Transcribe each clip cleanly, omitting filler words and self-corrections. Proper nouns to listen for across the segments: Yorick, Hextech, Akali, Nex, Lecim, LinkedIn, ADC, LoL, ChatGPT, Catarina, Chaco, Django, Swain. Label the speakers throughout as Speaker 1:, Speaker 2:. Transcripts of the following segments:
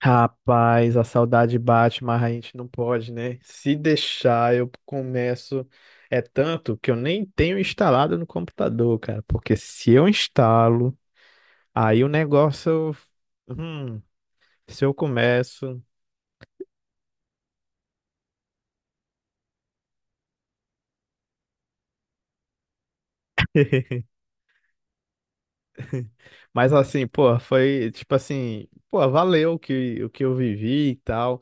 Speaker 1: Rapaz, a saudade bate, mas a gente não pode, né? Se deixar, eu começo. É tanto que eu nem tenho instalado no computador, cara. Porque se eu instalo, aí o negócio. Hum, se eu começo. Mas assim, pô, foi tipo assim, pô, valeu o que eu vivi e tal.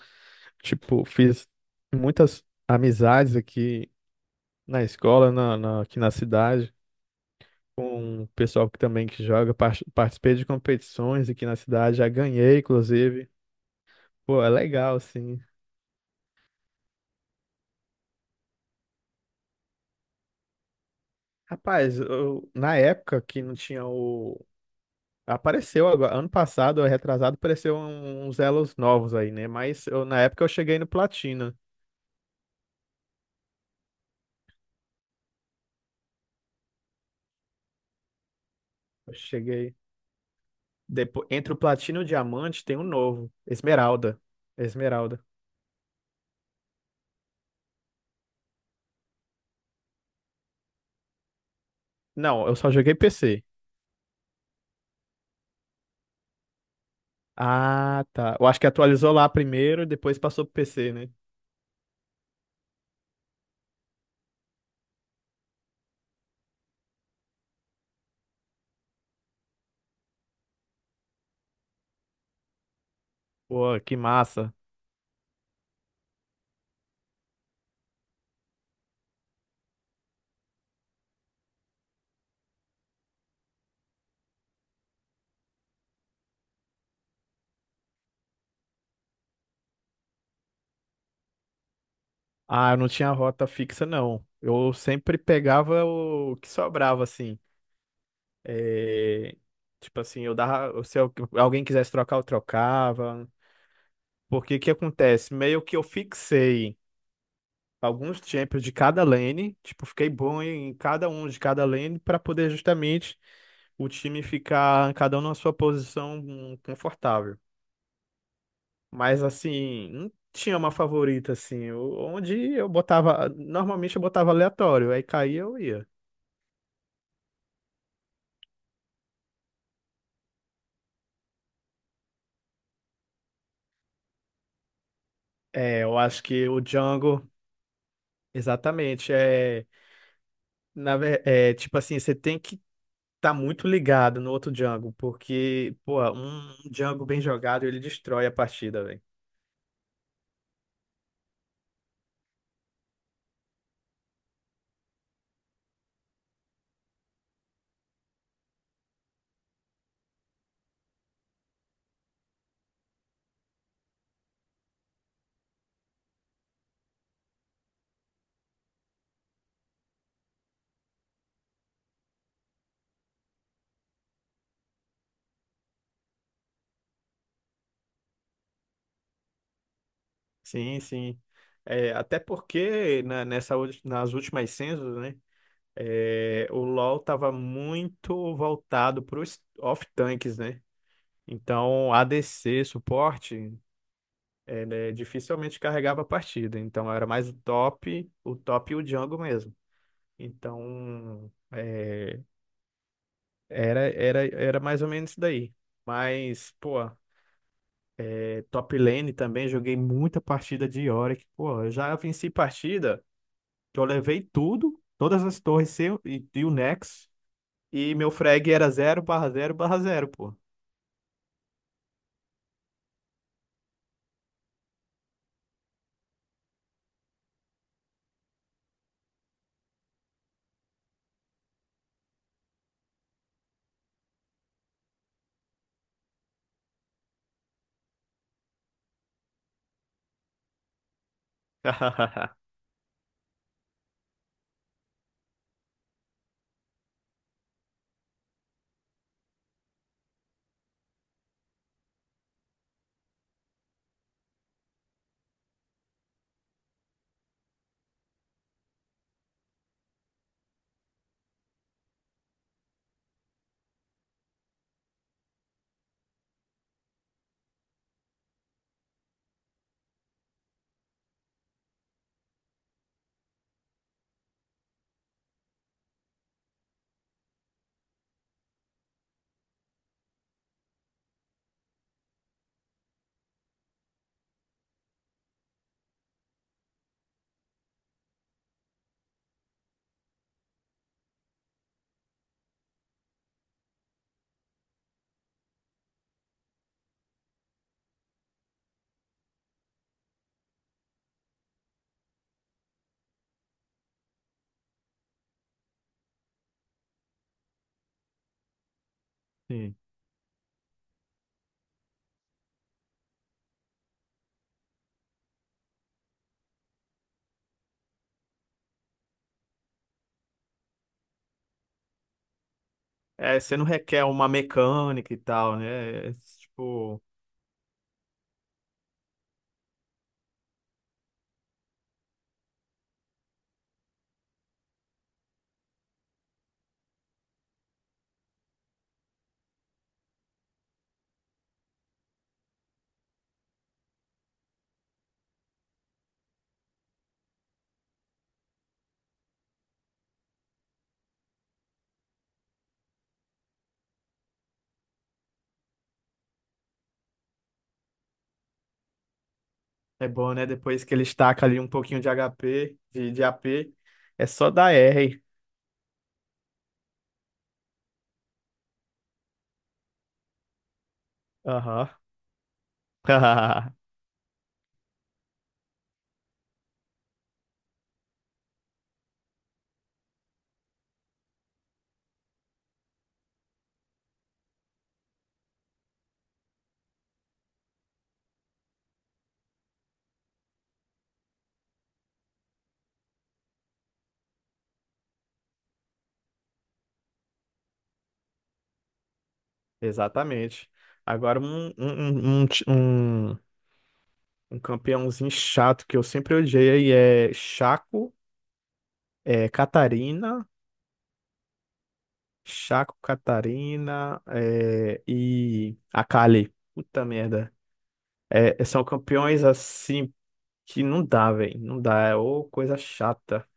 Speaker 1: Tipo, fiz muitas amizades aqui na escola, aqui na cidade. Com o pessoal que também que joga, participei de competições aqui na cidade, já ganhei, inclusive. Pô, é legal, assim. Rapaz, na época que não tinha o. Apareceu agora, ano passado, retrasado, apareceu uns elos novos aí, né? Mas eu, na época eu cheguei no platina. Eu cheguei. Depois, entre o platina e o diamante tem um novo, Esmeralda. Esmeralda. Não, eu só joguei PC. Ah, tá. Eu acho que atualizou lá primeiro e depois passou pro PC, né? Pô, que massa. Ah, eu não tinha rota fixa, não. Eu sempre pegava o que sobrava, assim. É, tipo assim, eu dava. Se alguém quisesse trocar, eu trocava. Porque o que acontece? Meio que eu fixei alguns champions de cada lane. Tipo, fiquei bom em cada um de cada lane para poder justamente o time ficar cada um na sua posição confortável. Mas assim, não tinha uma favorita, assim. Onde eu botava. Normalmente eu botava aleatório. Aí caía, eu ia. É, eu acho que o Django, exatamente, é, é tipo assim, você tem que estar muito ligado no outro Django, porque, pô, um Django bem jogado, ele destrói a partida, velho. Sim, sim. É, até porque nas últimas censos, né, é, o LoL tava muito voltado para os off-tanks, né? Então, ADC, suporte, é, né, dificilmente carregava a partida. Então, era mais o top e o Django mesmo. Então, é, era mais ou menos isso daí. Mas, pô, é, top lane também, joguei muita partida de Yorick. Pô, eu já venci partida que eu levei tudo, todas as torres e o Nex, e meu frag era 0/0/0 pô. Sim. É, você não requer uma mecânica e tal, né? É, tipo, é bom, né? Depois que ele estaca ali um pouquinho de HP, de AP, é só dar R. Aham. Exatamente. Agora, um campeãozinho chato que eu sempre odiei aí é Chaco, é, Catarina, Chaco, Catarina é, e Akali. Puta merda. É, são campeões assim que não dá, velho. Não dá, é ô coisa chata.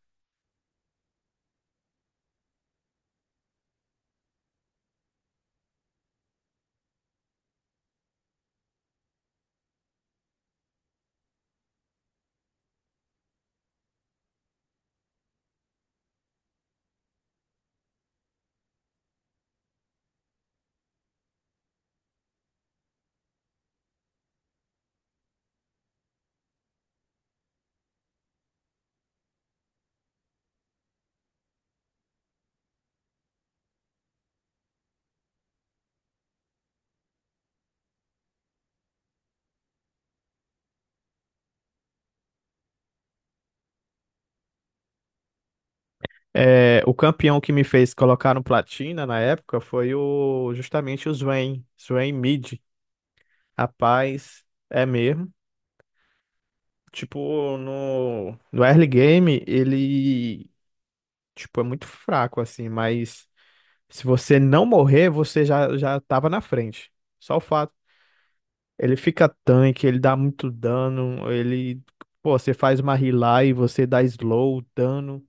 Speaker 1: É, o campeão que me fez colocar no platina na época foi o justamente o Swain, Swain Mid. Rapaz, é mesmo. Tipo, no early game, ele, tipo, é muito fraco, assim, mas se você não morrer, você já tava na frente. Só o fato. Ele fica tanque, ele dá muito dano, ele, pô, você faz uma healer e você dá slow, dano.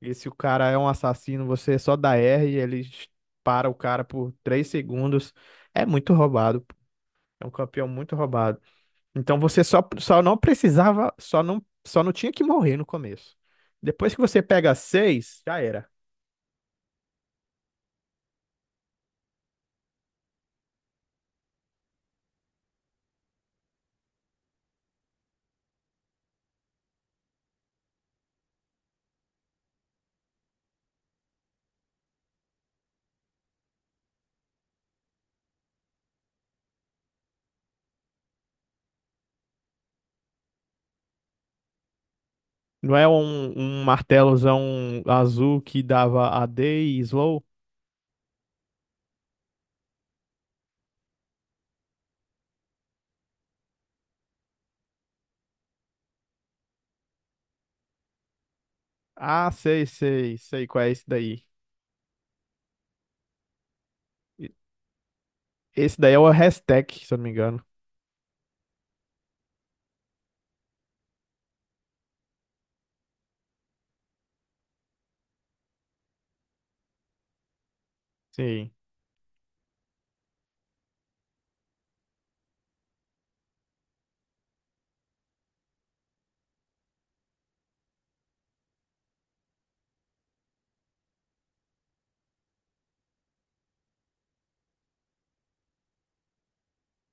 Speaker 1: E se o cara é um assassino, você só dá R e ele para o cara por 3 segundos. É muito roubado. É um campeão muito roubado. Então você só não precisava, só não tinha que morrer no começo. Depois que você pega seis, já era. Não é um martelozão azul que dava a D e slow? Ah, sei, sei, sei qual é esse daí. E- Esse daí é o Hextech, se eu não me engano. Sim.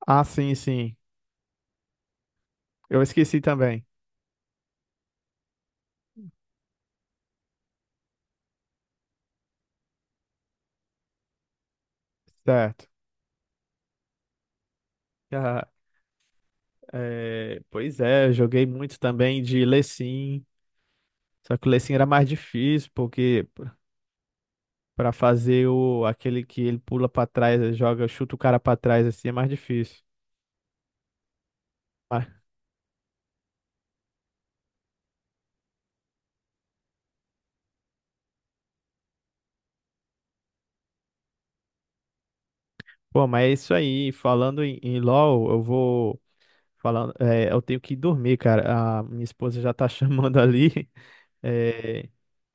Speaker 1: Ah, sim, sim. Eu esqueci também. Certo. Ah, é, pois é, eu joguei muito também de Lecim. Só que o Lecim era mais difícil, porque pra fazer o aquele que ele pula pra trás, joga, chuta o cara pra trás assim, é mais difícil. Mas, pô, é isso aí. Falando em LoL, eu vou falando, é, eu tenho que ir dormir, cara. A minha esposa já tá chamando ali. É,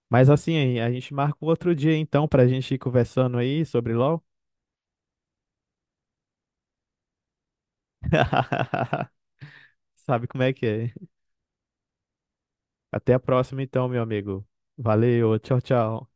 Speaker 1: mas assim, a gente marca um outro dia então pra gente ir conversando aí sobre LoL. Sabe como é que é? Até a próxima então, meu amigo. Valeu, tchau, tchau.